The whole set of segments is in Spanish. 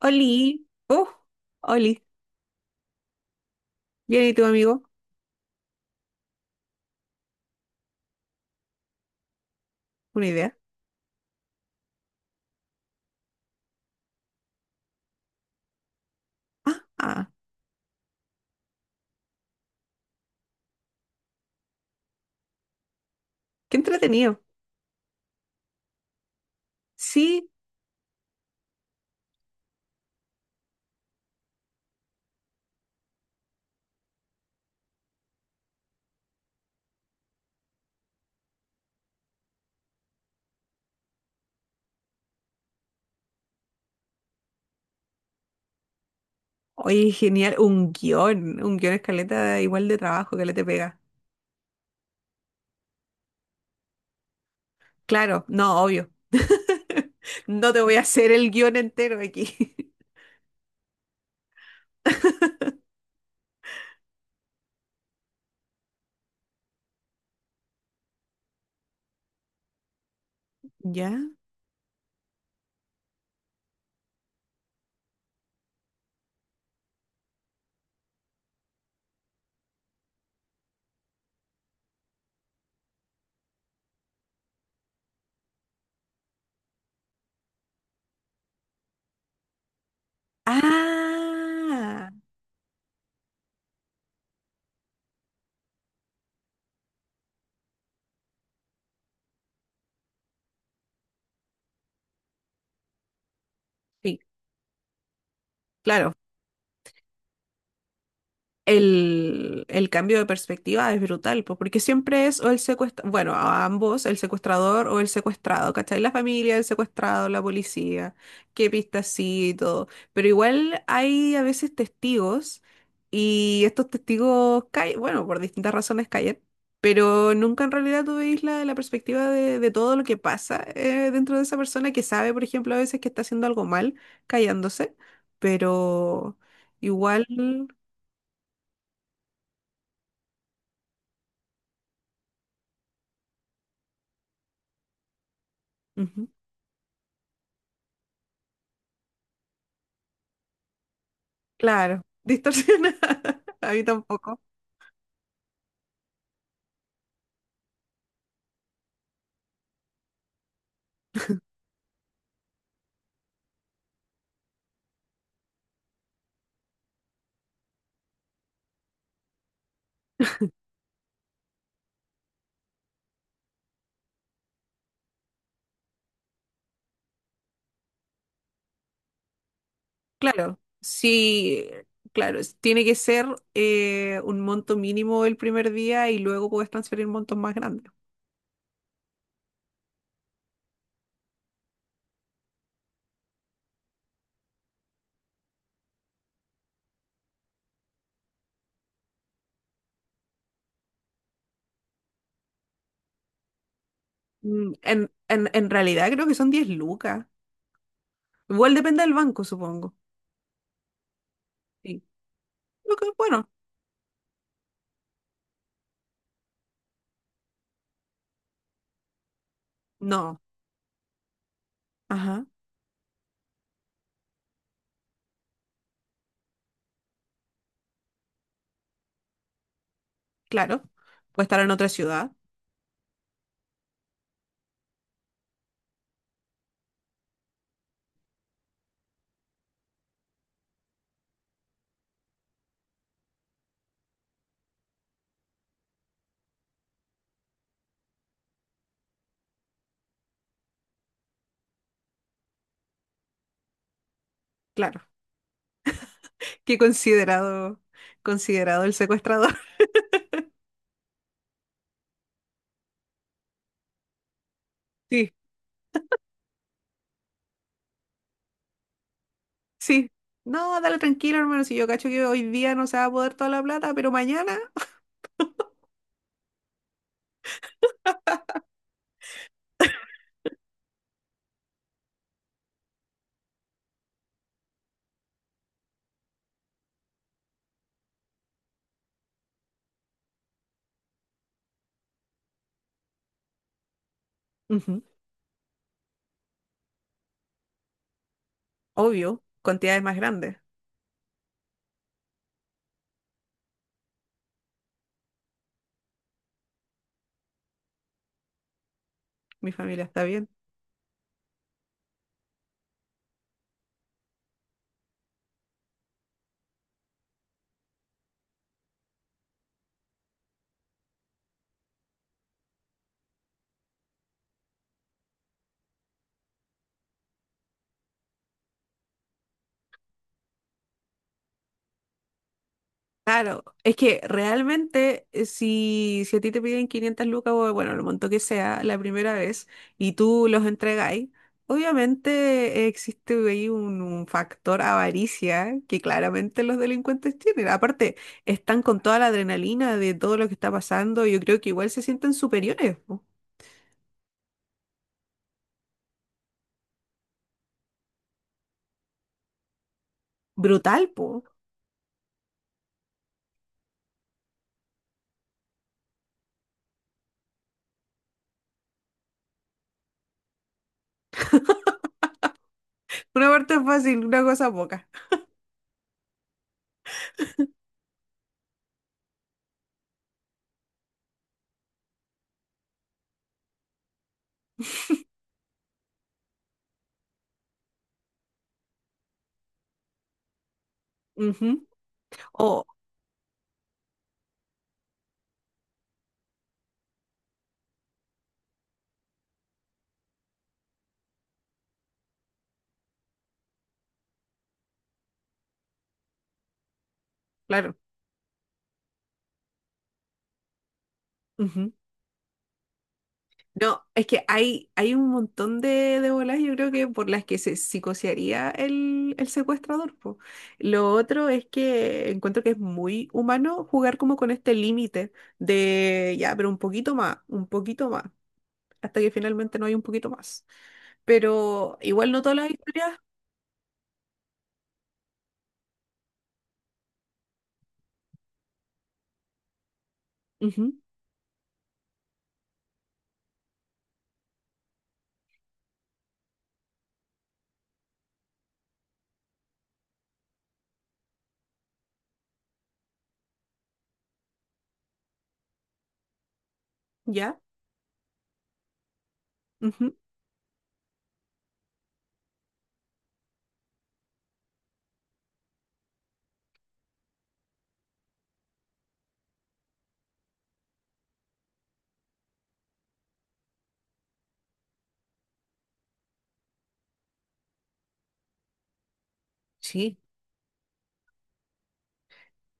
Oli, oh, Oli, bien ¿y tu amigo? Una idea. Ah, ah, Qué entretenido. Sí, oye, genial, un guión escaleta igual de trabajo que le te pega. Claro, no, obvio. No te voy a hacer el guión entero aquí. ¿Ya? Ah, sí, claro. El cambio de perspectiva es brutal, po, porque siempre es o el secuestrador, bueno, a ambos, el secuestrador o el secuestrado, ¿cachai? La familia, el secuestrado, la policía, qué pistas sí y todo. Pero igual hay a veces testigos y estos testigos caen, bueno, por distintas razones caen. Pero nunca en realidad tú veis la, la perspectiva de todo lo que pasa dentro de esa persona que sabe, por ejemplo, a veces que está haciendo algo mal, callándose, pero igual... Ujú. Claro, distorsionada. A mí tampoco. Claro, sí, claro, es- tiene que ser un monto mínimo el primer día y luego puedes transferir montos más grandes. Mm, en, en realidad creo que son 10 lucas. Igual depende del banco, supongo. Sí. Lo que- bueno, no. Ajá, claro. Puede estar en otra ciudad, claro. Qué considerado, considerado el secuestrador. Sí, sí. No, dale tranquilo, hermano. Si yo cacho que hoy día no se va a poder toda la plata, pero mañana. Ujú. Obvio, cantidades más grandes. Mi familia está bien. Claro, es que realmente si, si a ti te piden 500 lucas o bueno, lo monto que sea la primera vez y tú los entregáis, obviamente existe ahí un factor avaricia que claramente los delincuentes tienen. Aparte, están con toda la adrenalina de todo lo que está pasando. Yo creo que igual se sienten superiores, po. Brutal, po. Una parte es fácil, una cosa poca. Ujú. Oh, claro. Ujú. No, es que hay un montón de bolas, yo creo que por las que se psicosearía el secuestrador, po. Lo otro es que encuentro que es muy humano jugar como con este límite de ya, pero un poquito más, hasta que finalmente no hay un poquito más. Pero igual no todas las historias, ujú, ya, ujú, sí.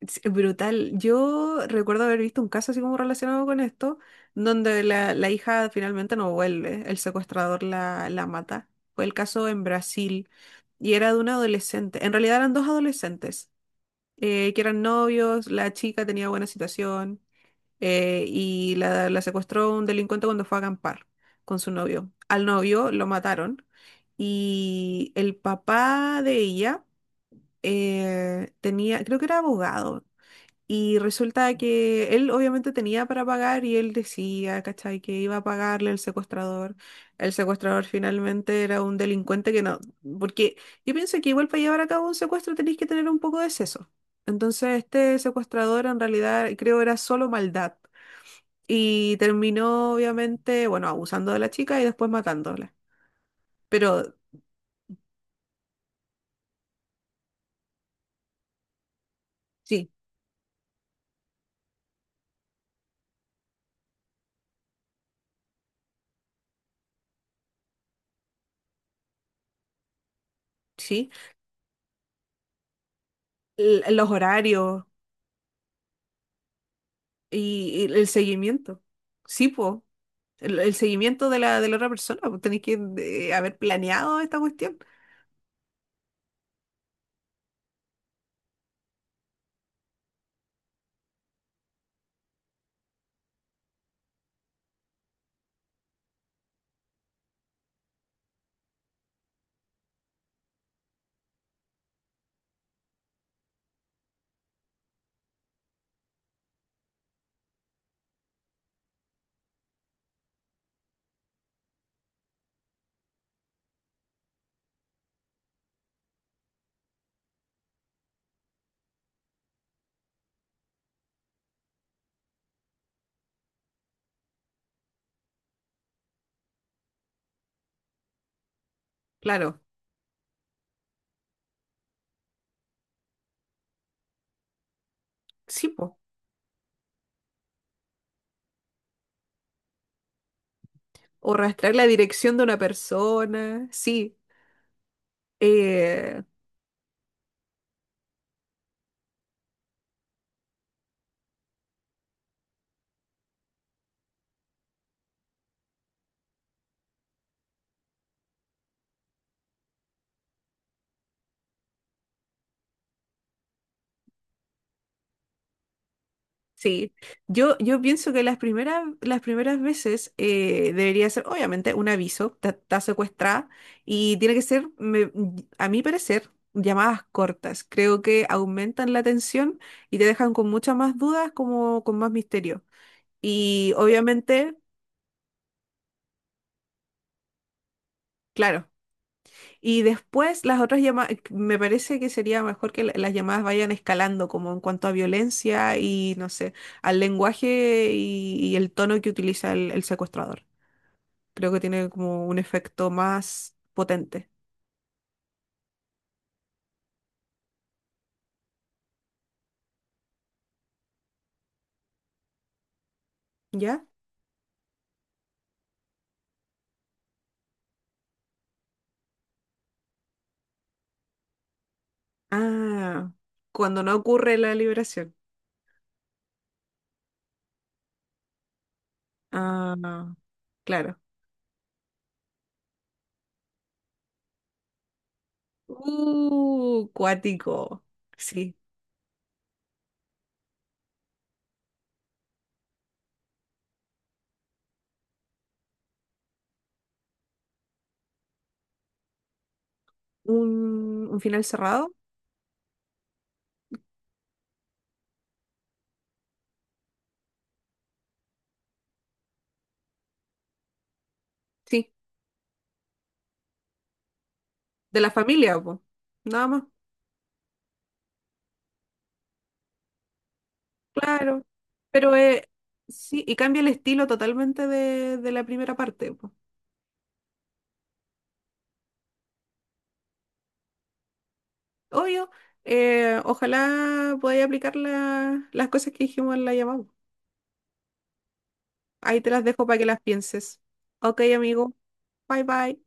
Es brutal. Yo recuerdo haber visto un caso así como relacionado con esto, donde la hija finalmente no vuelve, el secuestrador la, la mata. Fue el caso en Brasil y era de una adolescente. En realidad eran dos adolescentes que eran novios, la chica tenía buena situación y la secuestró un delincuente cuando fue a acampar con su novio. Al novio lo mataron y el papá de ella tenía, creo que era abogado y resulta que él obviamente tenía para pagar y él decía, ¿cachai? Que iba a pagarle al secuestrador. El secuestrador finalmente era un delincuente que no, porque yo pienso que igual para llevar a cabo un secuestro tenéis que tener un poco de seso. Entonces este secuestrador en realidad creo era solo maldad. Y terminó obviamente, bueno, abusando de la chica y después matándola. Pero sí, sí, l- los horarios y el seguimiento. Sí, pues. El seguimiento de la otra persona, pues tenéis que haber planeado esta cuestión. Claro, sí, pues. O rastrear la dirección de una persona, sí. eh, sí. Yo pienso que las primeras veces debería ser, obviamente, un aviso, está está secuestrada, y tiene que ser, me- a mi parecer, llamadas cortas. Creo que aumentan la tensión y te dejan con muchas más dudas, como con más misterio. Y obviamente, claro. Y después las otras llamadas, me parece que sería mejor que la- las llamadas vayan escalando como en cuanto a violencia y, no sé, al lenguaje y el tono que utiliza el secuestrador. Creo que tiene como un efecto más potente. ¿Ya? Ah, cuando no ocurre la liberación. Ah, no, claro. Cuático. Sí. Un final cerrado. Sí. De la familia, po. Nada más. Claro, pero sí, y cambia el estilo totalmente de la primera parte, po. Obvio, ojalá podáis aplicar la- las cosas que dijimos en la llamada. Ahí te las dejo para que las pienses. Ok, amigo, bye bye.